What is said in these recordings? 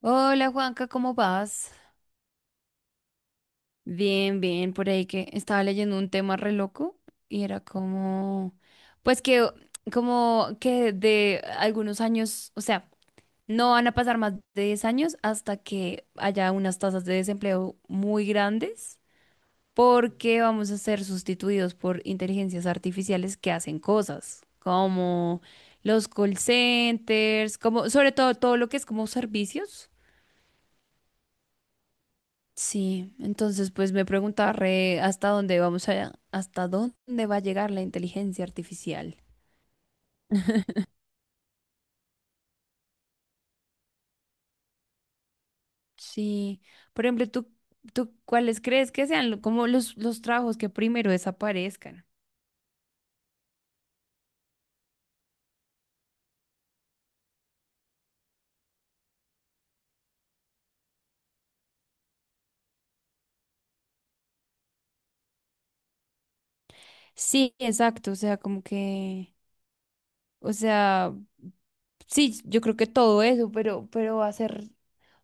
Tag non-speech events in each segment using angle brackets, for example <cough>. Hola Juanca, ¿cómo vas? Bien, bien, por ahí que estaba leyendo un tema re loco y era como, pues que, como que de algunos años, o sea, no van a pasar más de 10 años hasta que haya unas tasas de desempleo muy grandes porque vamos a ser sustituidos por inteligencias artificiales que hacen cosas como los call centers, como sobre todo, todo lo que es como servicios. Sí, entonces pues me preguntaba re hasta dónde va a llegar la inteligencia artificial. Sí, por ejemplo, ¿tú cuáles crees que sean como los trabajos que primero desaparezcan? Sí, exacto, o sea, como que, o sea, sí, yo creo que todo eso, pero, va a ser,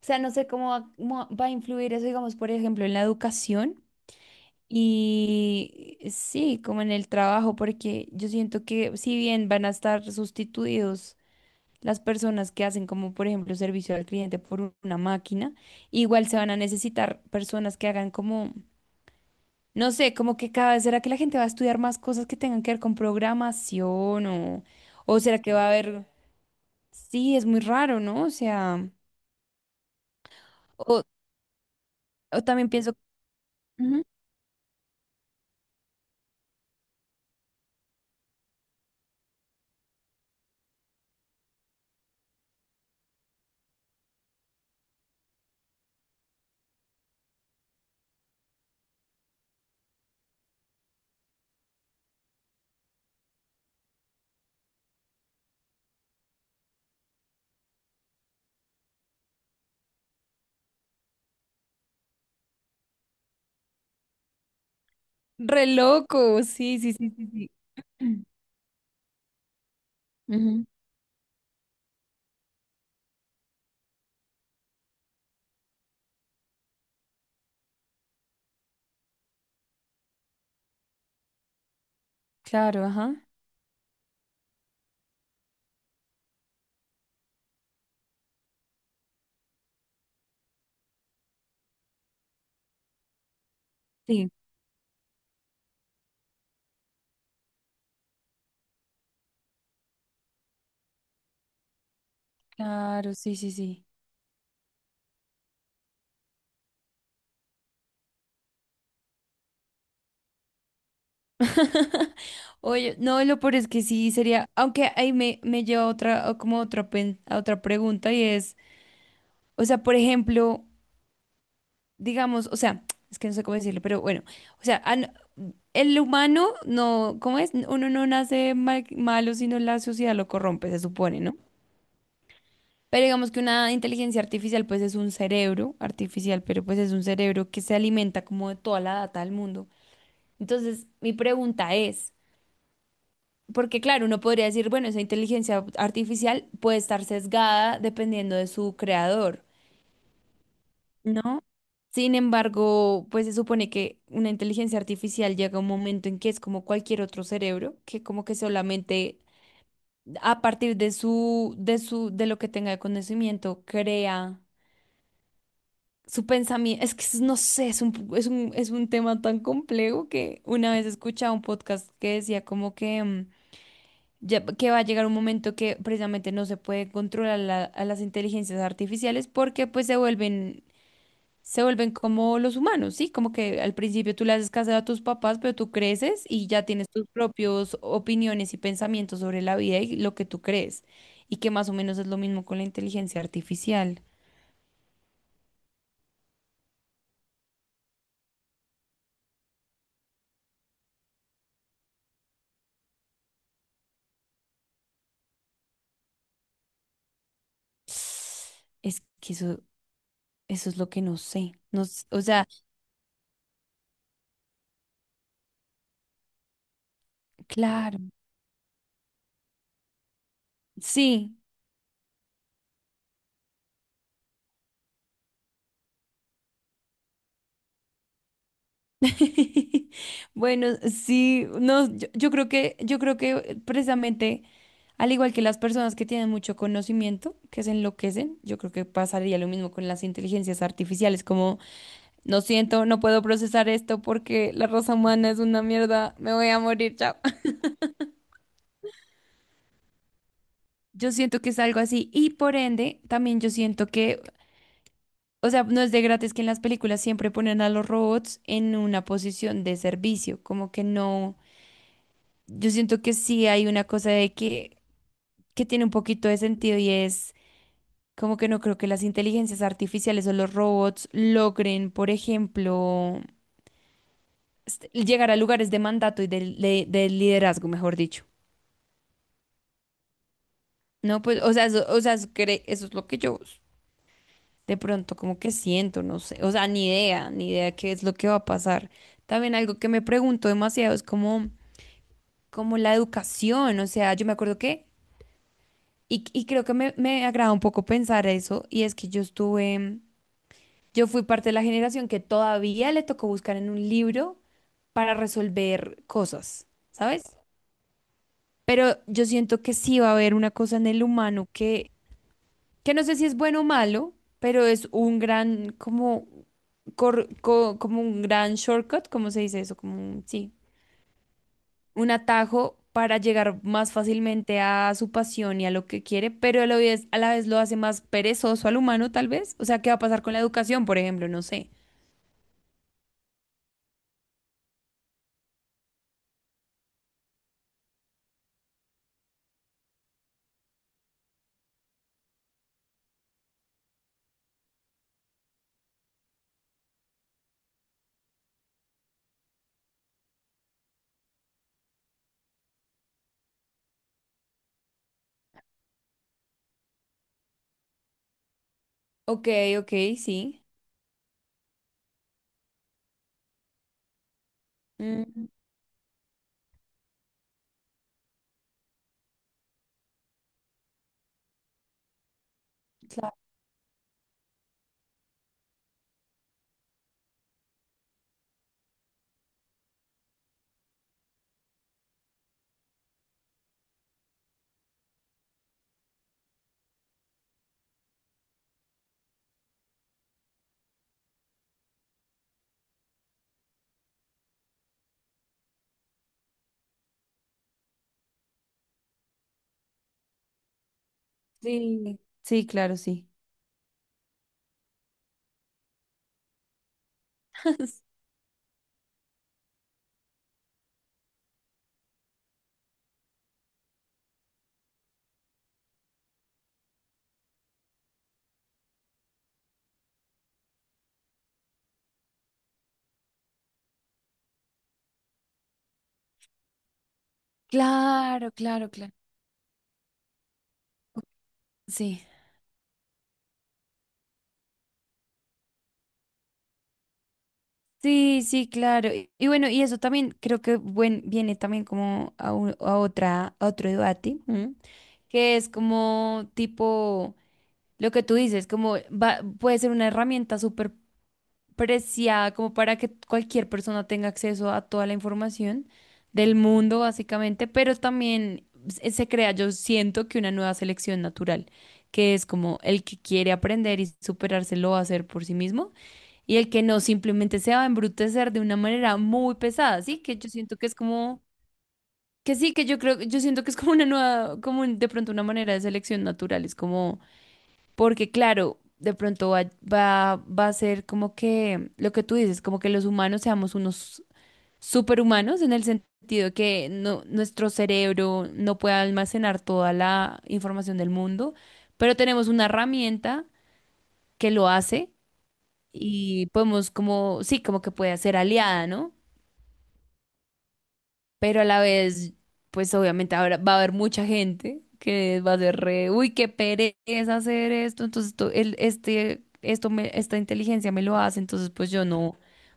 o sea, no sé cómo va a influir eso, digamos, por ejemplo, en la educación. Y sí, como en el trabajo, porque yo siento que si bien van a estar sustituidos las personas que hacen como por ejemplo servicio al cliente por una máquina, igual se van a necesitar personas que hagan como, no sé, como que cada vez será que la gente va a estudiar más cosas que tengan que ver con programación o será que va a haber, sí, es muy raro, ¿no? O sea, o, o también pienso, ujú. Re loco, sí, sí, sí, sí, sí. <clears throat> Ujú, claro, ajá. Claro, sí, sí, sí. Oye, no, lo peor es que sí sería, aunque ahí me lleva a otra, a como otra, pen- a otra pregunta y es, o sea, por ejemplo, digamos, o sea, es que no sé cómo decirlo, pero bueno, o sea, el humano no, ¿cómo es? Uno no nace malo, sino la sociedad lo corrompe, se supone, ¿no? Pero digamos que una inteligencia artificial, pues es un cerebro artificial, pero pues es un cerebro que se alimenta como de toda la data del mundo. Entonces, mi pregunta es. Porque claro, uno podría decir, bueno, esa inteligencia artificial puede estar sesgada dependiendo de su creador, ¿no? Sin embargo, pues se supone que una inteligencia artificial llega a un momento en que es como cualquier otro cerebro, que como que solamente a partir de lo que tenga de conocimiento, crea su pensamiento. Es que no sé, es un tema tan complejo que una vez escuchaba un podcast que decía como que ya que va a llegar un momento que precisamente no se puede controlar a las inteligencias artificiales porque pues se vuelven como los humanos, ¿sí? Como que al principio tú le haces caso a tus papás, pero tú creces y ya tienes tus propios opiniones y pensamientos sobre la vida y lo que tú crees. Y que más o menos es lo mismo con la inteligencia artificial. Es que eso es lo que no sé. No, o sea, claro, sí. <laughs> Bueno, sí, no, yo creo que precisamente, al igual que las personas que tienen mucho conocimiento, que se enloquecen, yo creo que pasaría lo mismo con las inteligencias artificiales, como no siento, no puedo procesar esto porque la raza humana es una mierda, me voy a morir, chao. <laughs> Yo siento que es algo así y por ende, también yo siento que, o sea, no es de gratis que en las películas siempre ponen a los robots en una posición de servicio, como que no. Yo siento que sí hay una cosa de que tiene un poquito de sentido y es como que no creo que las inteligencias artificiales o los robots logren, por ejemplo, llegar a lugares de mandato y de liderazgo, mejor dicho. No, pues, o sea, eso, eso es lo que yo de pronto como que siento, no sé, o sea, ni idea, ni idea qué es lo que va a pasar. También algo que me pregunto demasiado es como, la educación, o sea, yo me acuerdo que, y creo que me agrada un poco pensar eso, y es que yo fui parte de la generación que todavía le tocó buscar en un libro para resolver cosas, ¿sabes? Pero yo siento que sí va a haber una cosa en el humano que no sé si es bueno o malo, pero es un gran, como, como un gran shortcut, ¿cómo se dice eso? Como un, sí, un atajo para llegar más fácilmente a su pasión y a lo que quiere, pero a la vez lo hace más perezoso al humano, tal vez. O sea, ¿qué va a pasar con la educación, por ejemplo? No sé. Ok, ok, sí. Mm. Claro, sí, sí, claro, sí. <laughs> Claro, claro, claro. Sí. Sí, sí, claro. Y bueno, y eso también creo que viene también como a, un- a otra, a otro debate, ¿m? Que es como tipo lo que tú dices, como puede ser una herramienta súper preciada como para que cualquier persona tenga acceso a toda la información del mundo, básicamente, pero también se crea, yo siento que una nueva selección natural, que es como el que quiere aprender y superarse lo va a hacer por sí mismo, y el que no simplemente se va a embrutecer de una manera muy pesada, ¿sí? Que yo siento que es como. Que sí, que yo creo, yo siento que es como una nueva, como de pronto una manera de selección natural, es como porque claro, de pronto va a ser como que lo que tú dices, como que los humanos seamos unos superhumanos en el sentido que no, nuestro cerebro no puede almacenar toda la información del mundo, pero tenemos una herramienta que lo hace y podemos como, sí, como que puede ser aliada, ¿no? Pero a la vez, pues obviamente ahora va a haber mucha gente que va a ser re, uy, qué pereza hacer esto, entonces esto, el, este, esto me, esta inteligencia me lo hace, entonces pues yo no,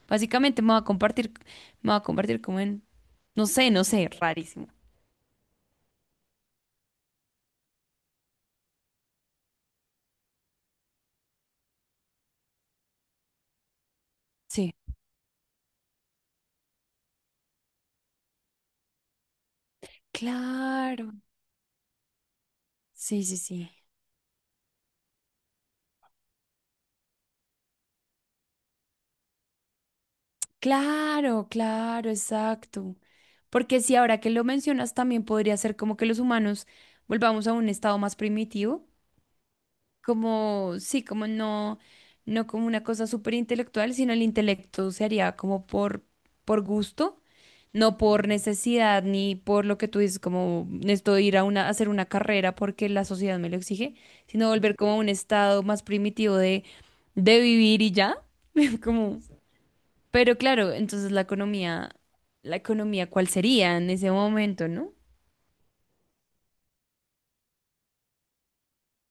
básicamente me va a convertir como en, no sé, no sé, rarísimo. Sí, claro, sí, sí, sí. Claro, claro, exacto. Porque si ahora que lo mencionas también podría ser como que los humanos volvamos a un estado más primitivo como, sí, como no, no como una cosa súper intelectual, sino el intelecto se haría como por gusto, no por necesidad ni por lo que tú dices, como necesito ir a hacer una carrera porque la sociedad me lo exige, sino volver como a un estado más primitivo de, vivir y ya, <laughs> como, pero claro, entonces la economía, ¿cuál sería en ese momento, no?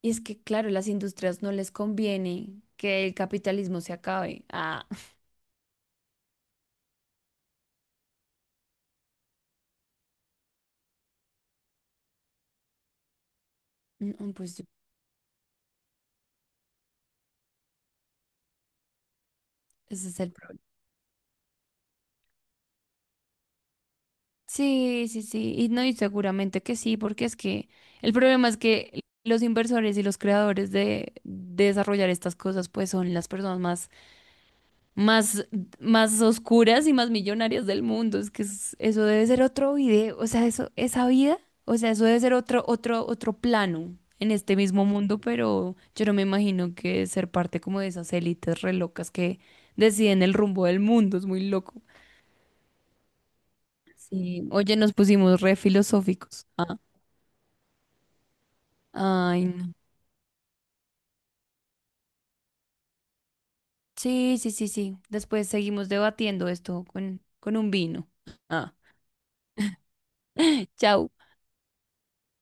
Y es que, claro, las industrias no les conviene que el capitalismo se acabe. Ah. No, pues ese es el problema. Sí, sí, sí. Y no, y seguramente que sí, porque es que el problema es que los inversores y los creadores de desarrollar estas cosas, pues son las personas más, más, más oscuras y más millonarias del mundo. Es que eso debe ser otro video, o sea, eso, esa vida, o sea, eso debe ser otro, otro, otro plano en este mismo mundo, pero yo no me imagino que ser parte como de esas élites re locas que deciden el rumbo del mundo. Es muy loco. Sí, oye, nos pusimos re filosóficos. Ay, no. Sí, sí, sí, sí. Después seguimos debatiendo esto con, un vino. Ah, chao.